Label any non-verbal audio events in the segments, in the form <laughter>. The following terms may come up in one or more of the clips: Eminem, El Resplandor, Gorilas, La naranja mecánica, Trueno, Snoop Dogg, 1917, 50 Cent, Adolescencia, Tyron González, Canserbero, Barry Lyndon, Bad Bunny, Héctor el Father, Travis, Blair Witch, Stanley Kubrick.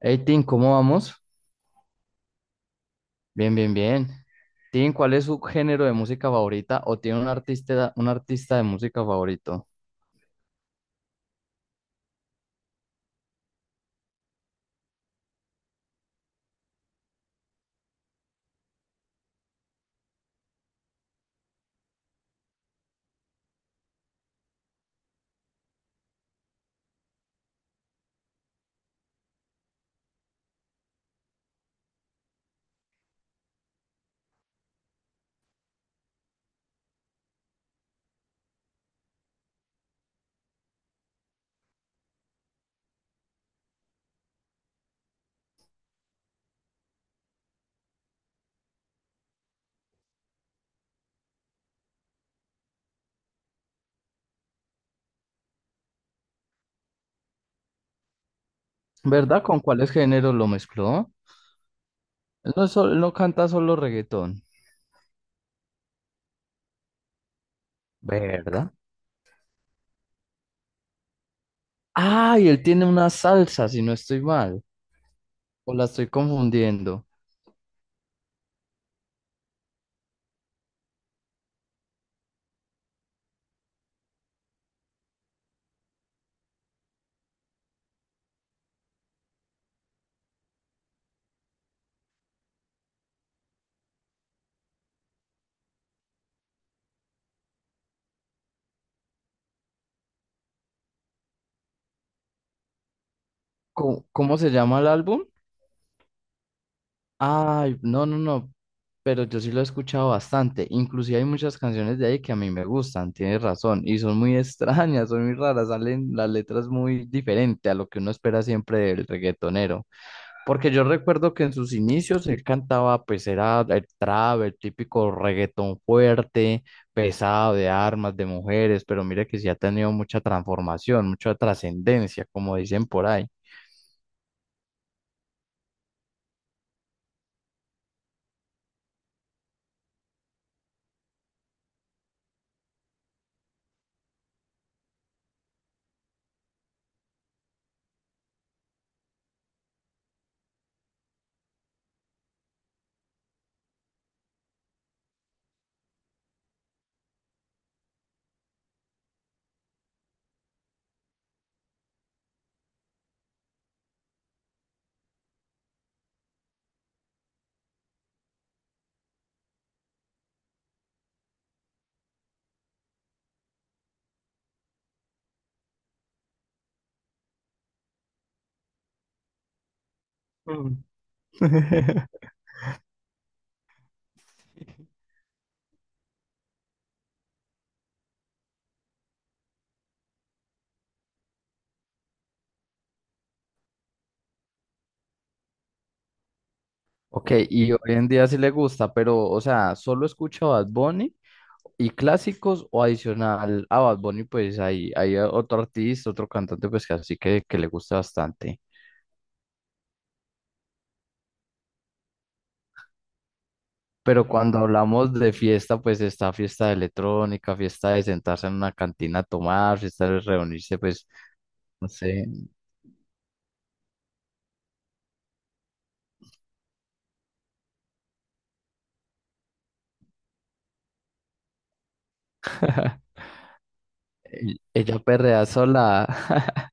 Hey, Tim, ¿cómo vamos? Bien. Tim, ¿cuál es su género de música favorita o tiene un artista de música favorito? ¿Verdad? ¿Con cuáles géneros lo mezcló? Él no, es sol- él no canta solo reggaetón, ¿verdad? Ah, y él tiene una salsa, si no estoy mal, o la estoy confundiendo. ¿Cómo se llama el álbum? Ay, no, pero yo sí lo he escuchado bastante. Inclusive hay muchas canciones de ahí que a mí me gustan, tienes razón, y son muy <laughs> extrañas, son muy raras, salen las letras muy diferentes a lo que uno espera siempre del reggaetonero. Porque yo recuerdo que en sus inicios él cantaba, pues era el trap, el típico reggaetón fuerte, pesado, de armas, de mujeres, pero mira que sí ha tenido mucha transformación, mucha trascendencia, como dicen por ahí. Ok, y hoy en día sí le gusta, pero, o sea, ¿solo escucha Bad Bunny y clásicos o adicional a Bad Bunny, pues hay otro artista, otro cantante, pues que así que le gusta bastante? Pero cuando hablamos de fiesta, pues está fiesta de electrónica, fiesta de sentarse en una cantina a tomar, fiesta de reunirse, pues, no sé, e- ella perrea sola, <laughs>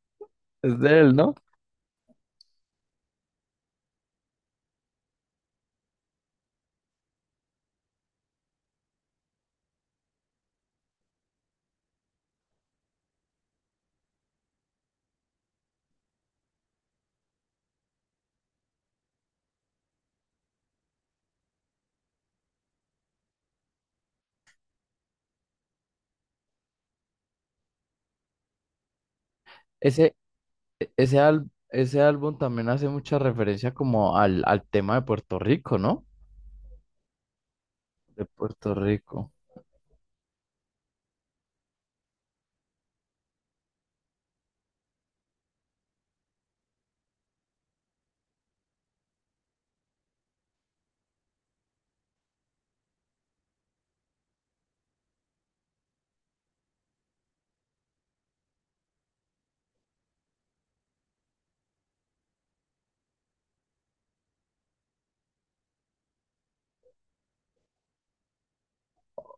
es de él, ¿no? Ese, ese, al- ese álbum también hace mucha referencia como al, al tema de Puerto Rico, ¿no? De Puerto Rico.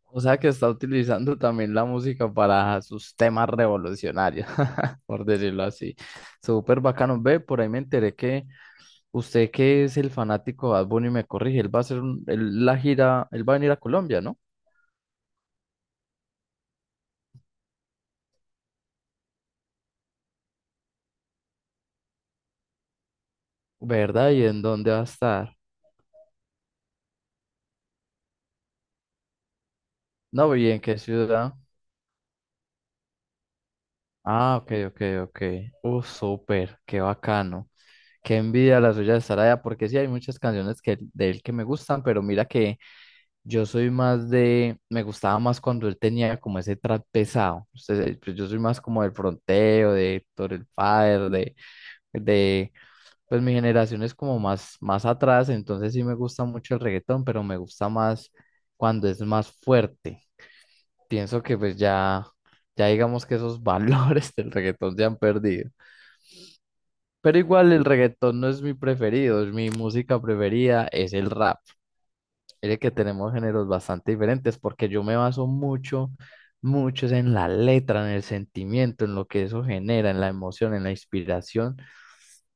O sea que está utilizando también la música para sus temas revolucionarios, <laughs> por decirlo así. Súper bacano. Ve, por ahí me enteré que usted que es el fanático de Bad Bunny me corrige, él va a hacer un- él- la gira, él va a venir a Colombia, ¿no? ¿Verdad? ¿Y en dónde va a estar? No, ¿y en qué ciudad? Ah, ok. Súper, qué bacano. Qué envidia la suya de estar allá, porque sí hay muchas canciones que, de él que me gustan, pero mira que yo soy más de, me gustaba más cuando él tenía como ese trap pesado. Usted- pues yo soy más como del fronteo, de Héctor el Father, de, pues mi generación es como más, más atrás, entonces sí me gusta mucho el reggaetón, pero me gusta más cuando es más fuerte. Pienso que pues ya digamos que esos valores <laughs> del reggaetón se han perdido. Pero igual el reggaetón no es mi preferido, es mi música preferida es el rap. Mire que tenemos géneros bastante diferentes porque yo me baso mucho es en la letra, en el sentimiento, en lo que eso genera, en la emoción, en la inspiración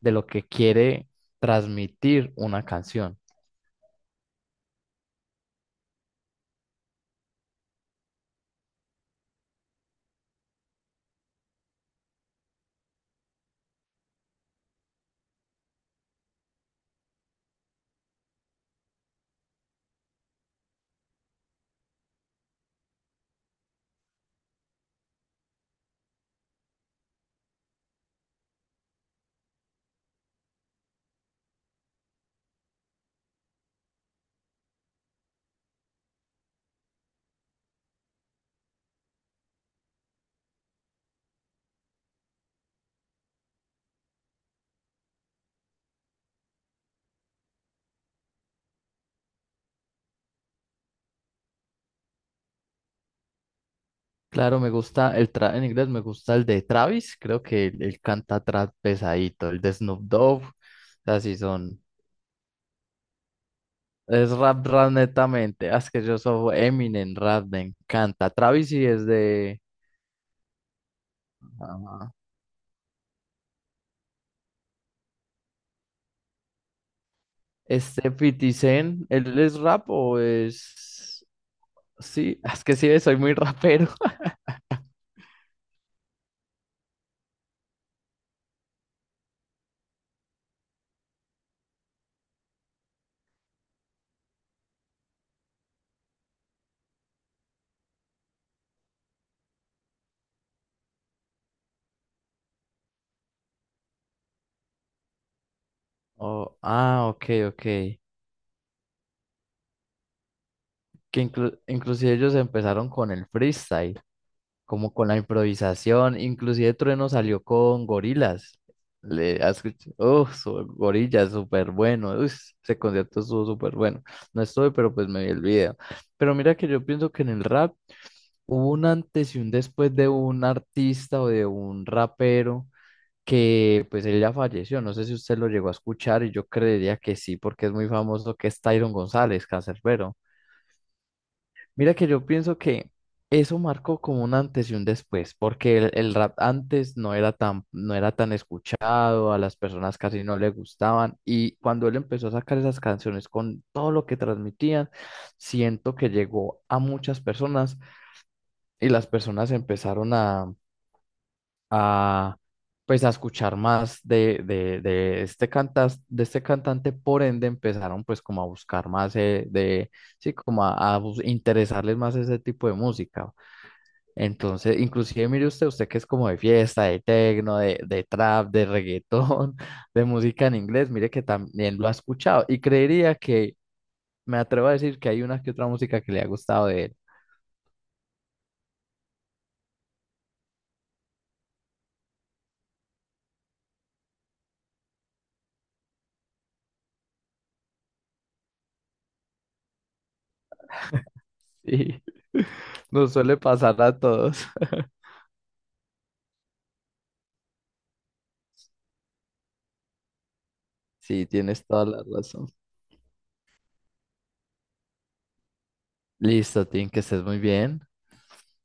de lo que quiere transmitir una canción. Claro, me gusta el tra en inglés, me gusta el de Travis, creo que él canta trap pesadito, el de Snoop Dogg, así son, es rap rap netamente, ah, es que yo soy Eminem rap, me encanta. Travis sí es de, este 50 Cent, ¿él es rap o es...? Sí, <laughs> es que sí, soy muy rapero. <laughs> Oh, ah, ok. Que inclu- inclusive ellos empezaron con el freestyle. Como con la improvisación, inclusive Trueno salió con Gorilas. Le has oh, Gorilla, súper bueno. Uy, ese concierto estuvo súper bueno. No estoy, pero pues me vi el video. Pero mira que yo pienso que en el rap hubo un antes y un después de un artista o de un rapero que pues él ya falleció. No sé si usted lo llegó a escuchar y yo creería que sí, porque es muy famoso, que es Tyron González, Canserbero. Mira que yo pienso que eso marcó como un antes y un después, porque el rap antes no era tan, no era tan escuchado, a las personas casi no le gustaban, y cuando él empezó a sacar esas canciones con todo lo que transmitían, siento que llegó a muchas personas y las personas empezaron a, pues a escuchar más de este cantas, de este cantante, por ende empezaron pues como a buscar más de, sí, como a bus- interesarles más ese tipo de música. Entonces, inclusive mire usted, usted que es como de fiesta, de tecno, de trap, de reggaetón, <laughs> de música en inglés, mire que también lo ha escuchado y creería que me atrevo a decir que hay una que otra música que le ha gustado de él. <laughs> Sí. Nos suele pasar a todos. <laughs> Sí, tienes toda la razón. Listo, Tim, que estés muy bien.